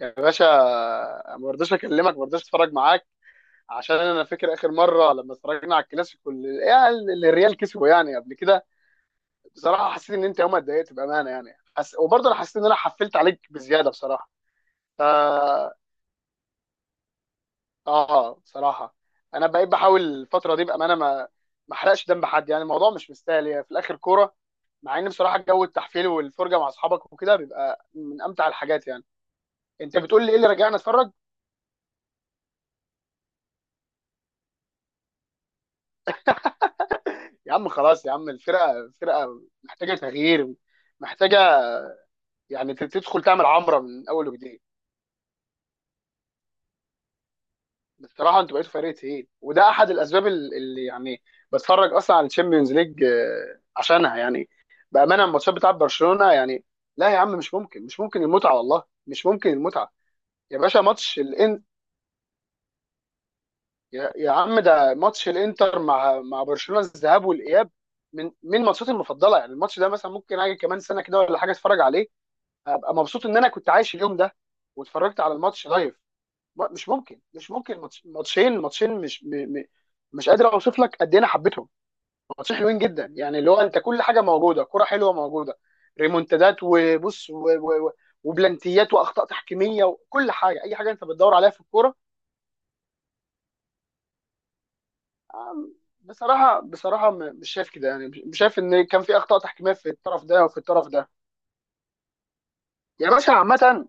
يا باشا، ما برضاش اكلمك ما برضاش اتفرج معاك عشان انا فاكر اخر مره لما اتفرجنا على الكلاسيكو اللي الريال كسبه يعني قبل كده. بصراحه حسيت ان انت يومها اتضايقت بامانه، يعني وبرضه انا حسيت ان انا حفلت عليك بزياده بصراحه. ف اه بصراحه انا بقيت بحاول الفتره دي بامانه، ما احرقش دم حد، يعني الموضوع مش مستاهل، يعني في الاخر كوره. مع ان بصراحه جو التحفيل والفرجه مع اصحابك وكده بيبقى من امتع الحاجات يعني. انت بتقول لي ايه اللي رجعنا اتفرج؟ يا عم خلاص يا عم، الفرقه محتاجه تغيير، محتاجه، يعني تدخل تعمل عمره من اول وجديد. بصراحه انتوا بقيتوا فريق تقيل، وده احد الاسباب اللي يعني بتفرج اصلا على الشامبيونز ليج عشانها، يعني بامانه الماتشات بتاعت برشلونه. يعني لا يا عم، مش ممكن مش ممكن المتعه، والله مش ممكن المتعه. يا باشا ماتش الان يا عم، ده ماتش الانتر مع برشلونه، الذهاب والاياب، من ماتشاتي المفضله، يعني الماتش ده مثلا ممكن اجي كمان سنه كده ولا حاجه اتفرج عليه. هبقى مبسوط ان انا كنت عايش اليوم ده واتفرجت على الماتش لايف. مش ممكن، مش ممكن ماتشين، ماتشين مش م... م... مش قادر اوصف لك قد ايه انا حبيتهم. ماتشين حلوين جدا، يعني اللي هو انت كل حاجه موجوده، كرة حلوه موجوده، ريمونتادات وبص و... و... و... وبلانتيات واخطاء تحكيميه وكل حاجه، اي حاجه انت بتدور عليها في الكوره. آم، بصراحه بصراحه مش شايف كده، يعني مش شايف ان كان في اخطاء تحكيميه في الطرف ده وفي الطرف ده. يا باشا عامه،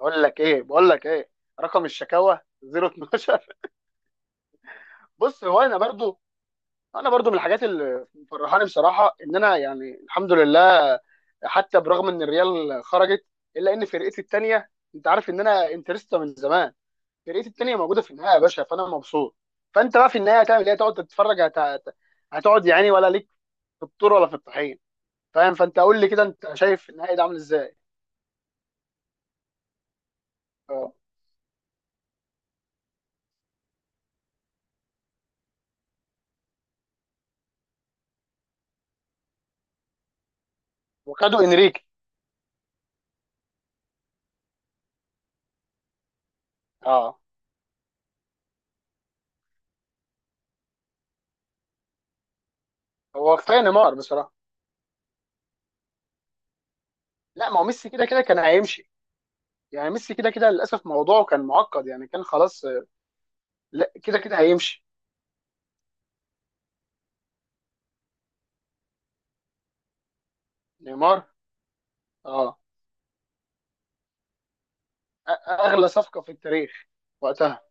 اقول لك ايه بقول لك ايه؟ رقم الشكاوى 012. بص، هو انا برضو، انا برضو من الحاجات اللي مفرحاني بصراحه ان انا، يعني الحمد لله، حتى برغم ان الريال خرجت، الا ان فرقتي التانيه، انت عارف ان انا انترستا من زمان، فرقتي التانيه موجوده في النهائي يا باشا، فانا مبسوط. فانت بقى في النهائي هتعمل ايه؟ هتقعد تتفرج هتقعد يعني، ولا ليك في الطور ولا في الطحين؟ فاهم؟ فانت قول لي كده، انت شايف النهائي ده عامل ازاي؟ اه. وخدوا انريكي. اه، هو كفايه نيمار بصراحه. لا، ما هو ميسي كده كده كان هيمشي، يعني ميسي كده كده للاسف موضوعه كان معقد، يعني كان خلاص. لا كده كده هيمشي. نيمار. اه. اغلى صفقه في التاريخ وقتها.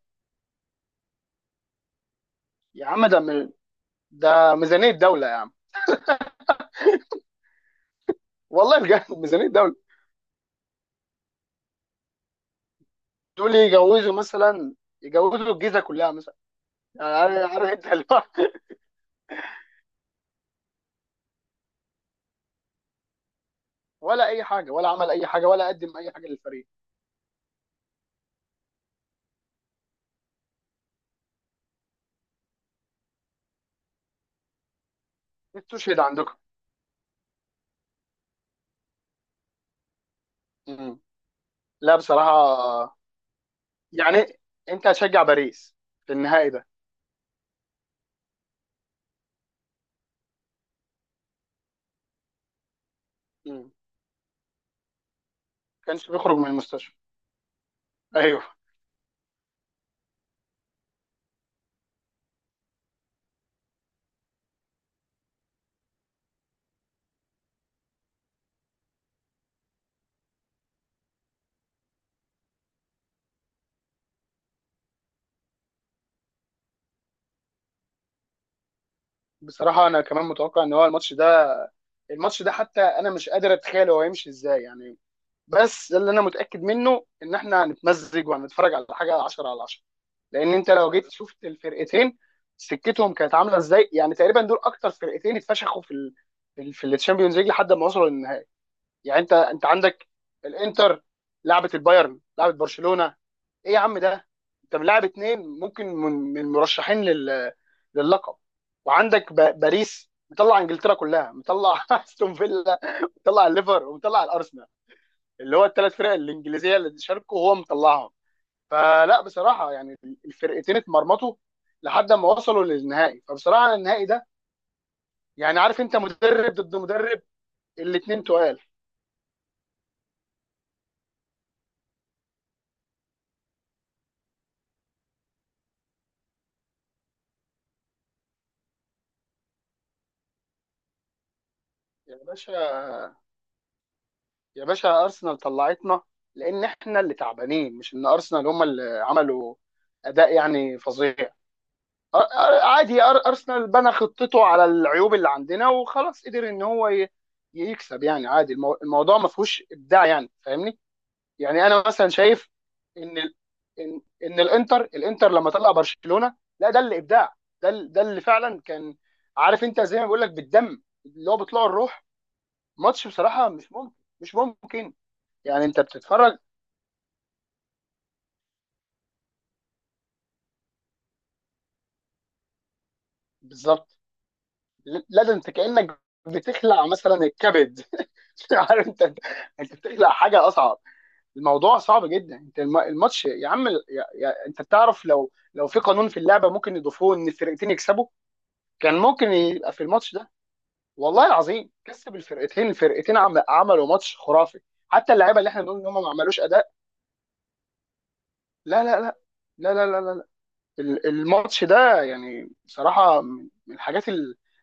يا عم ده ميزانيه دوله يا عم. والله بجد ميزانيه دوله. دول يجوزوا مثلا، يجوزوا الجيزه كلها مثلا. يعني عارف، عارف انت اللي هو ولا اي حاجه، ولا عمل اي حاجه، ولا قدم اي حاجه للفريق. استشهد عندكم. مم. لا بصراحه. يعني انت هتشجع باريس في النهائي ده؟ مم. كانش بيخرج من المستشفى؟ ايوه. بصراحه انا كمان متوقع ان هو الماتش ده، الماتش ده، حتى انا مش قادر اتخيل هو هيمشي ازاي يعني. بس ده اللي انا متاكد منه، ان احنا هنتمزج وهنتفرج على حاجه 10 على 10. لان انت لو جيت شفت الفرقتين سكتهم كانت عامله ازاي، يعني تقريبا دول اكتر فرقتين اتفشخوا في الشامبيونز ليج لحد ما وصلوا للنهائي. يعني انت عندك الانتر، لعبت البايرن، لعبت برشلونه. ايه يا عم ده، انت ملاعب اتنين ممكن من مرشحين لللقب. باريس مطلع انجلترا كلها، مطلع استون فيلا، مطلع الليفر، ومطلع الارسنال، اللي هو الثلاث فرق الانجليزيه اللي شاركوا هو مطلعهم. فلا بصراحه يعني الفرقتين اتمرمطوا لحد ما وصلوا للنهائي، فبصراحه النهائي ده، يعني عارف انت، مدرب ضد مدرب، الاتنين تقال. يا باشا، يا باشا ارسنال طلعتنا لان احنا اللي تعبانين، مش ان ارسنال هم اللي عملوا اداء يعني فظيع. عادي، ارسنال بنى خطته على العيوب اللي عندنا وخلاص، قدر ان هو يكسب. يعني عادي، الموضوع ما فيهوش ابداع يعني، فاهمني؟ يعني انا مثلا شايف ان ال- ان ان الانتر لما طلع برشلونة، لا ده اللي ابداع. ده اللي فعلا كان، عارف انت زي ما بقول لك، بالدم اللي هو بيطلعوا الروح. ماتش بصراحة مش ممكن، مش ممكن. يعني انت بتتفرج. بالظبط. لا ده انت كانك بتخلع مثلا الكبد عارف انت، انت بتخلع حاجه اصعب، الموضوع صعب جدا. انت الماتش يا عم انت بتعرف، لو في قانون في اللعبه ممكن يضيفوه ان الفرقتين يكسبوا كان ممكن يبقى في الماتش ده. والله العظيم كسب الفرقتين، عملوا ماتش خرافي، حتى اللعيبه اللي احنا بنقول ان هم ما عملوش اداء. لا لا لا لا لا لا، لا. لا. الماتش ده، يعني بصراحه من الحاجات،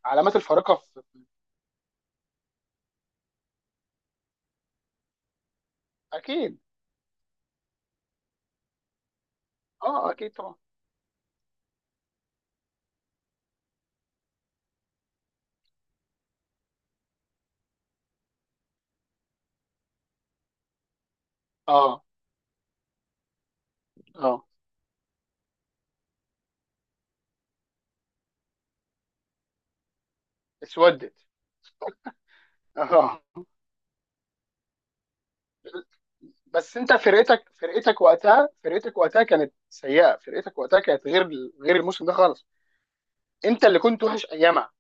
العلامات الفارقه. اكيد. اه اكيد طبعا. اه. اه. اسودت. اه. بس انت فرقتك وقتها، فرقتك وقتها كانت سيئه، فرقتك وقتها كانت غير، غير الموسم ده خالص. انت اللي كنت وحش ايامها.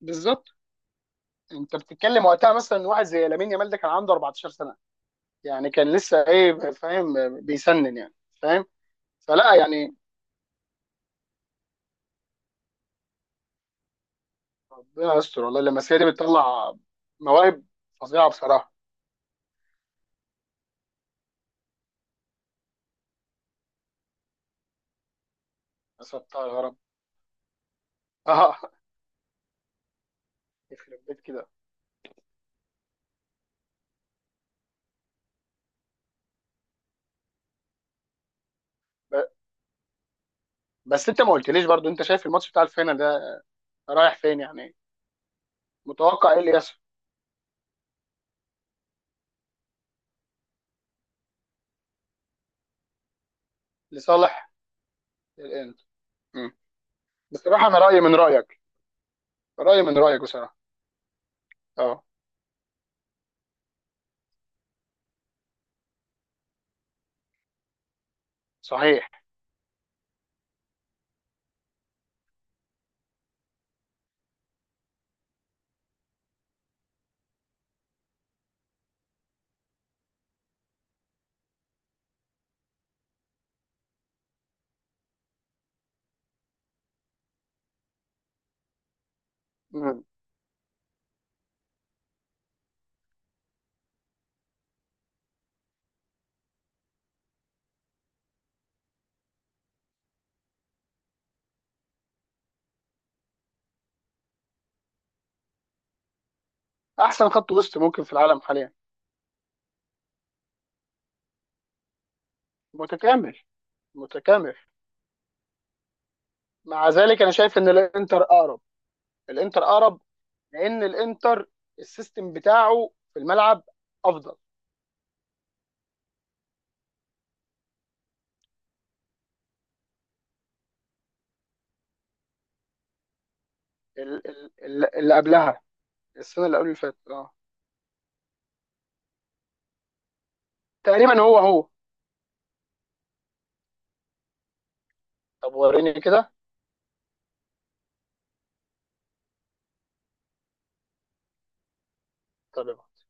بالظبط. انت بتتكلم وقتها مثلا واحد زي لامين يامال، ده كان عنده 14 سنه، يعني كان لسه ايه، فاهم، بيسنن يعني. فاهم. فلا يعني ربنا يستر، والله اللمسيه دي بتطلع مواهب فظيعه بصراحه. يا ستار يا رب. اه. يخرب بيت كده. بس انت ما قلتليش برضو، انت شايف الماتش بتاع الفينال ده رايح فين يعني؟ متوقع ايه اللي يحصل؟ لصالح الانتر. مم. بصراحه انا رايي من رايك، رايي من رايك بصراحه. اه. صحيح. مم. احسن خط وسط ممكن في العالم حاليا. متكامل. متكامل. مع ذلك انا شايف ان الانتر اقرب، الانتر اقرب، لان الانتر السيستم بتاعه في الملعب افضل. اللي قبلها. السنه اللي قبل اللي فاتت، اه. تقريبا هو هو. طب وريني كده. طب.